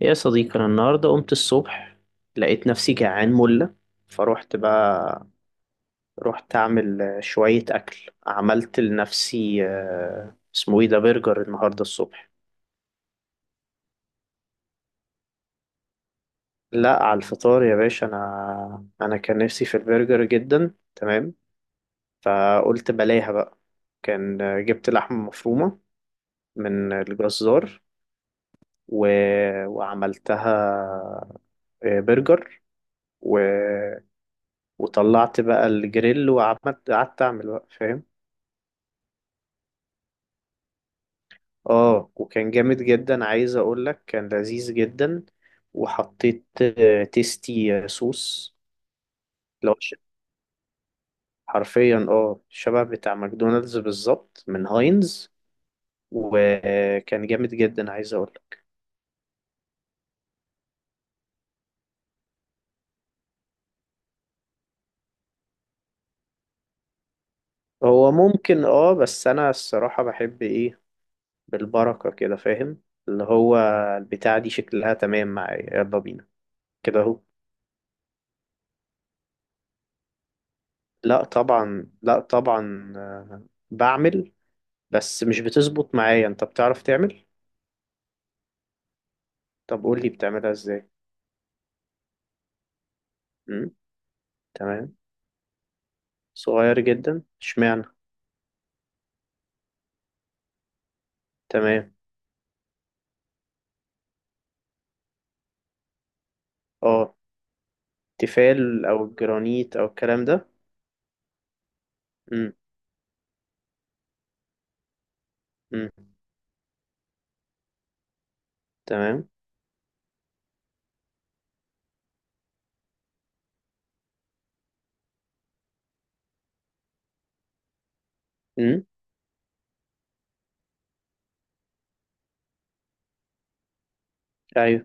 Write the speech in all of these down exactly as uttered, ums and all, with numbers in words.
يا صديقي، أنا النهاردة قمت الصبح، لقيت نفسي جعان ملة. فروحت بقى، رحت أعمل شوية أكل. عملت لنفسي آه، اسمه إيه ده، برجر النهاردة الصبح. لا، على الفطار يا باشا. أنا أنا كان نفسي في البرجر جدا، تمام. فقلت بلاها بقى. كان آه، جبت لحمة مفرومة من الجزار و... وعملتها آه، برجر. و... وطلعت بقى الجريل، وعملت قعدت اعمل بقى، فاهم. اه، وكان جامد جدا، عايز اقول لك كان لذيذ جدا. وحطيت آه، تيستي آه، صوص. لو ش- حرفيا اه شبه بتاع ماكدونالدز بالظبط، من هاينز. وكان جامد جدا عايز اقول لك. هو ممكن اه بس انا الصراحة بحب ايه، بالبركة كده، فاهم. اللي هو البتاع دي شكلها تمام معايا، يلا بينا. كده اهو. لا طبعا، لا طبعا، آه، بعمل. بس مش بتظبط معايا، انت بتعرف تعمل؟ طب قول لي بتعملها ازاي. امم تمام. صغير جدا اشمعنى. تمام. اه، تيفال او جرانيت او الكلام ده. امم امم تمام. امم ايوه،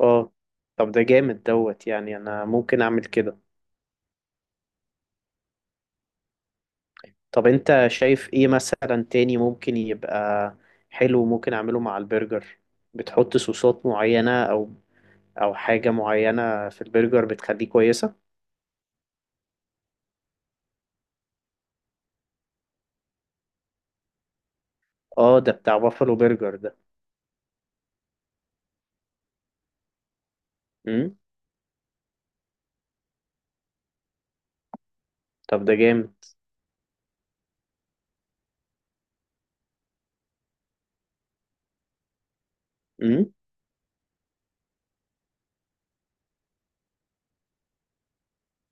اه. طب ده جامد دوت، يعني انا ممكن اعمل كده. طب انت شايف ايه مثلا تاني ممكن يبقى حلو، ممكن اعمله مع البرجر؟ بتحط صوصات معينة، او او حاجة معينة في البرجر بتخليه كويسة؟ اه، ده بتاع بافلو برجر ده. امم طب ده جامد. امم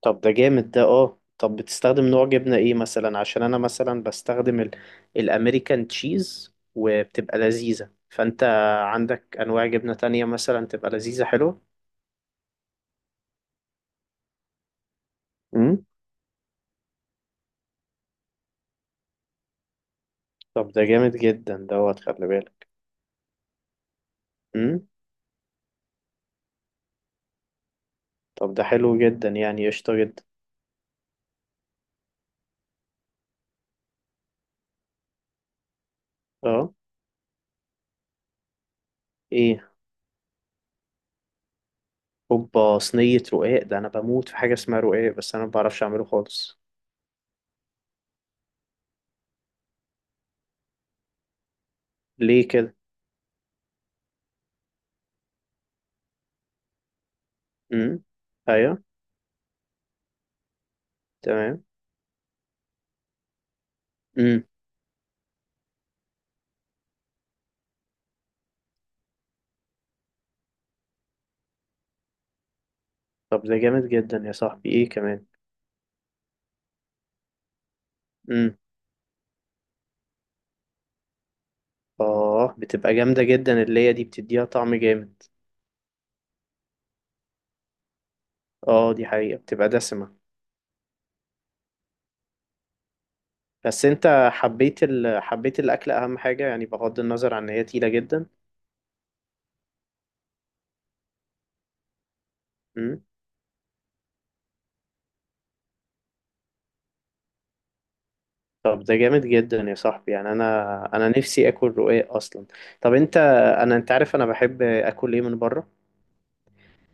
طب ده جامد ده. اه، طب بتستخدم نوع جبنة ايه مثلا؟ عشان انا مثلا بستخدم ال... الامريكان تشيز وبتبقى لذيذة. فانت عندك انواع جبنة تانية مثلا تبقى لذيذة حلوة؟ امم طب ده جامد جدا دوت، خلي بالك. امم طب ده حلو جدا يعني، قشطة جدا. اه، ايه؟ هوبا، صينية رقاق! ده انا بموت في حاجة اسمها رقاق، بس انا ما بعرفش اعمله خالص. ليه كده؟ امم ايوه، تمام. مم. طب ده جامد جدا يا صاحبي، ايه كمان؟ امم اه، بتبقى جامدة جدا، اللي هي دي بتديها طعم جامد. اه، دي حقيقة بتبقى دسمة. بس انت حبيت ال... حبيت الاكل اهم حاجة، يعني بغض النظر عن ان هي تقيلة جدا. امم طب ده جامد جدا يا صاحبي، يعني انا انا نفسي اكل رقاق اصلا. طب انت، انا انت عارف انا بحب اكل ايه من بره؟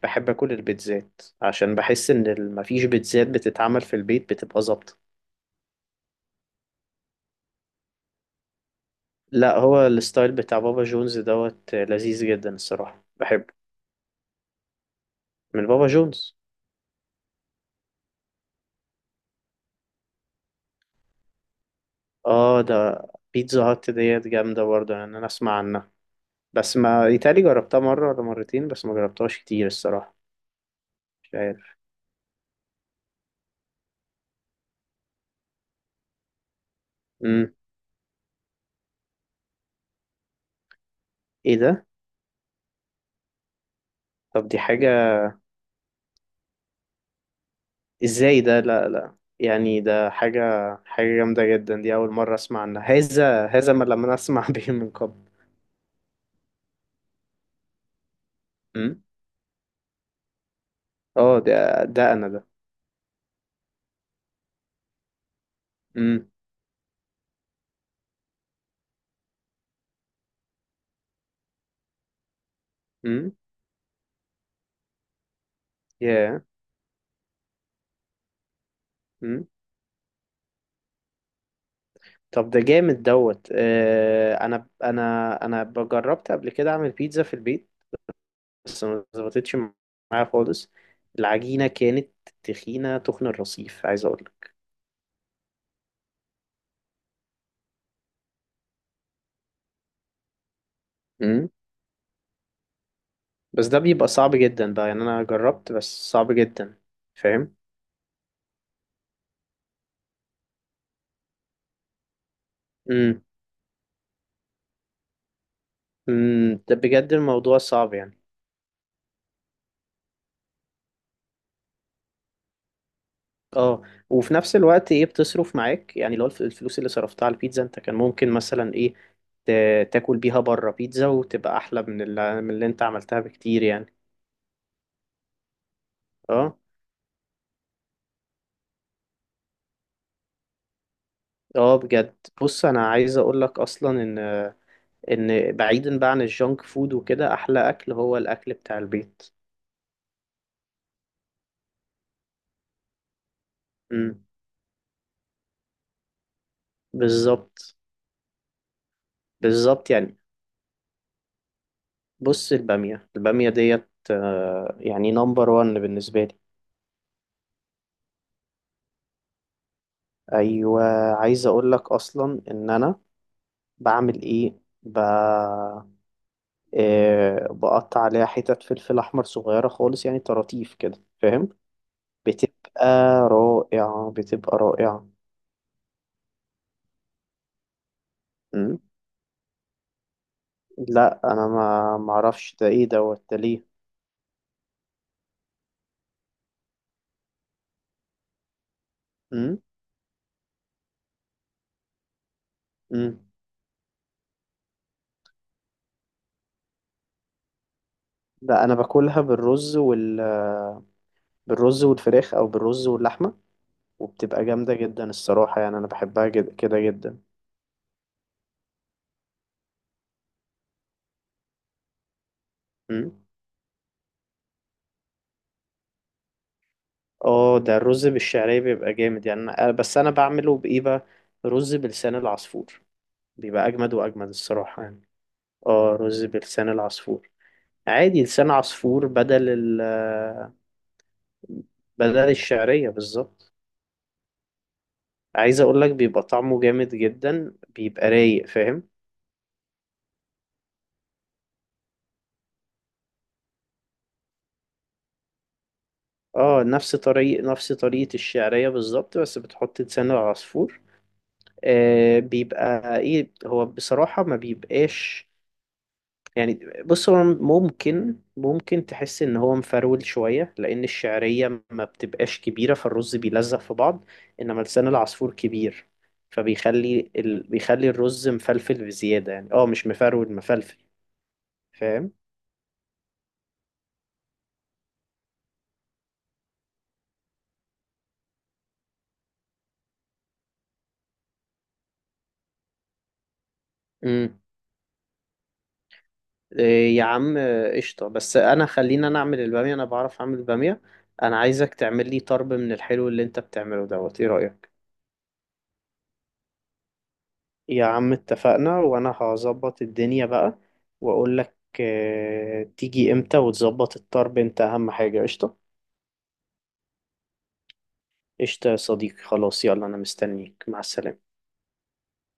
بحب اكل البيتزات، عشان بحس ان ال- مفيش بيتزات بتتعمل في البيت بتبقى ظابطة. لا، هو الستايل بتاع بابا جونز دوت لذيذ جدا الصراحة، بحبه. من بابا جونز. اه، ده بيتزا هات ديت جامدة برضه، يعني انا اسمع عنها بس ما يتهيألي جربتها مرة ولا مرتين، بس ما جربتهاش كتير الصراحة. مش عارف. امم ايه ده؟ طب دي حاجة. ازاي ده؟ لا لا، يعني ده حاجة، حاجة جامدة جدا، دي أول مرة أسمع عنها. هذا هذا ما لم أسمع به من قبل. امم اه، ده ده أنا ده. امم امم ياه. امم طب ده جامد دوت. آه أنا أنا أنا جربت قبل كده أعمل بيتزا في البيت، بس ما ظبطتش معايا خالص، العجينة كانت تخينة تخن الرصيف، عايز اقول. امم بس ده بيبقى صعب جدا بقى، يعني انا جربت بس صعب جدا. فاهم. امم امم ده بجد الموضوع صعب يعني. اه، وفي نفس الوقت ايه، بتصرف معاك يعني، لو الف- الفلوس اللي صرفتها على البيتزا انت كان ممكن مثلا ايه، ت- تاكل بيها بره بيتزا وتبقى احلى من اللي، من اللي انت عملتها بكتير يعني. اه، اه، بجد. بص انا عايز اقول لك اصلا ان، ان بعيدا بقى عن الجونك فود وكده، احلى اكل هو الاكل بتاع البيت. امم بالظبط. بالظبط يعني. بص، الباميه، الباميه ديت آه، يعني نمبر وان بالنسبه لي. ايوه، عايز اقول لك اصلا ان انا بعمل ايه، ب... آه، بقطع عليها حتت فلفل احمر صغيره خالص، يعني طراطيف كده، فاهم. بتبقى رائعه، بتبقى رائعه. امم لا انا ما ما اعرفش ده ايه دوت، ده ليه. امم امم لا انا باكلها بالرز وال بالرز والفراخ، او بالرز واللحمه، وبتبقى جامده جدا الصراحه، يعني انا بحبها جد... كده جدا. أمم. اه، ده الرز بالشعريه بيبقى جامد يعني أنا... بس انا بعمله بايه بقى، رز بلسان العصفور، بيبقى اجمد واجمد الصراحه يعني. اه، رز بلسان العصفور، عادي، لسان عصفور بدل ال بدل الشعريه بالظبط. عايز اقول لك بيبقى طعمه جامد جدا، بيبقى رايق، فاهم. اه، نفس طريق نفس طريقة الشعرية بالظبط، بس بتحط لسان العصفور. آه، بيبقى ايه، هو بصراحة ما بيبقاش يعني. بص هو ممكن، ممكن تحس ان هو مفرول شوية، لان الشعرية ما بتبقاش كبيرة فالرز بيلزق في بعض، انما لسان العصفور كبير، فبيخلي ال... بيخلي الرز مفلفل بزيادة يعني، اه مش مفرول، مفلفل. فاهم. إيه يا عم، قشطة. بس أنا، خلينا أنا أعمل البامية، أنا بعرف أعمل البامية. أنا عايزك تعمل لي طرب من الحلو اللي أنت بتعمله دوت، إيه رأيك؟ يا عم اتفقنا، وأنا هظبط الدنيا بقى وأقول لك آه، تيجي إمتى وتظبط الطرب، أنت أهم حاجة، قشطة؟ قشطة يا صديقي، خلاص، يلا أنا مستنيك، مع السلامة.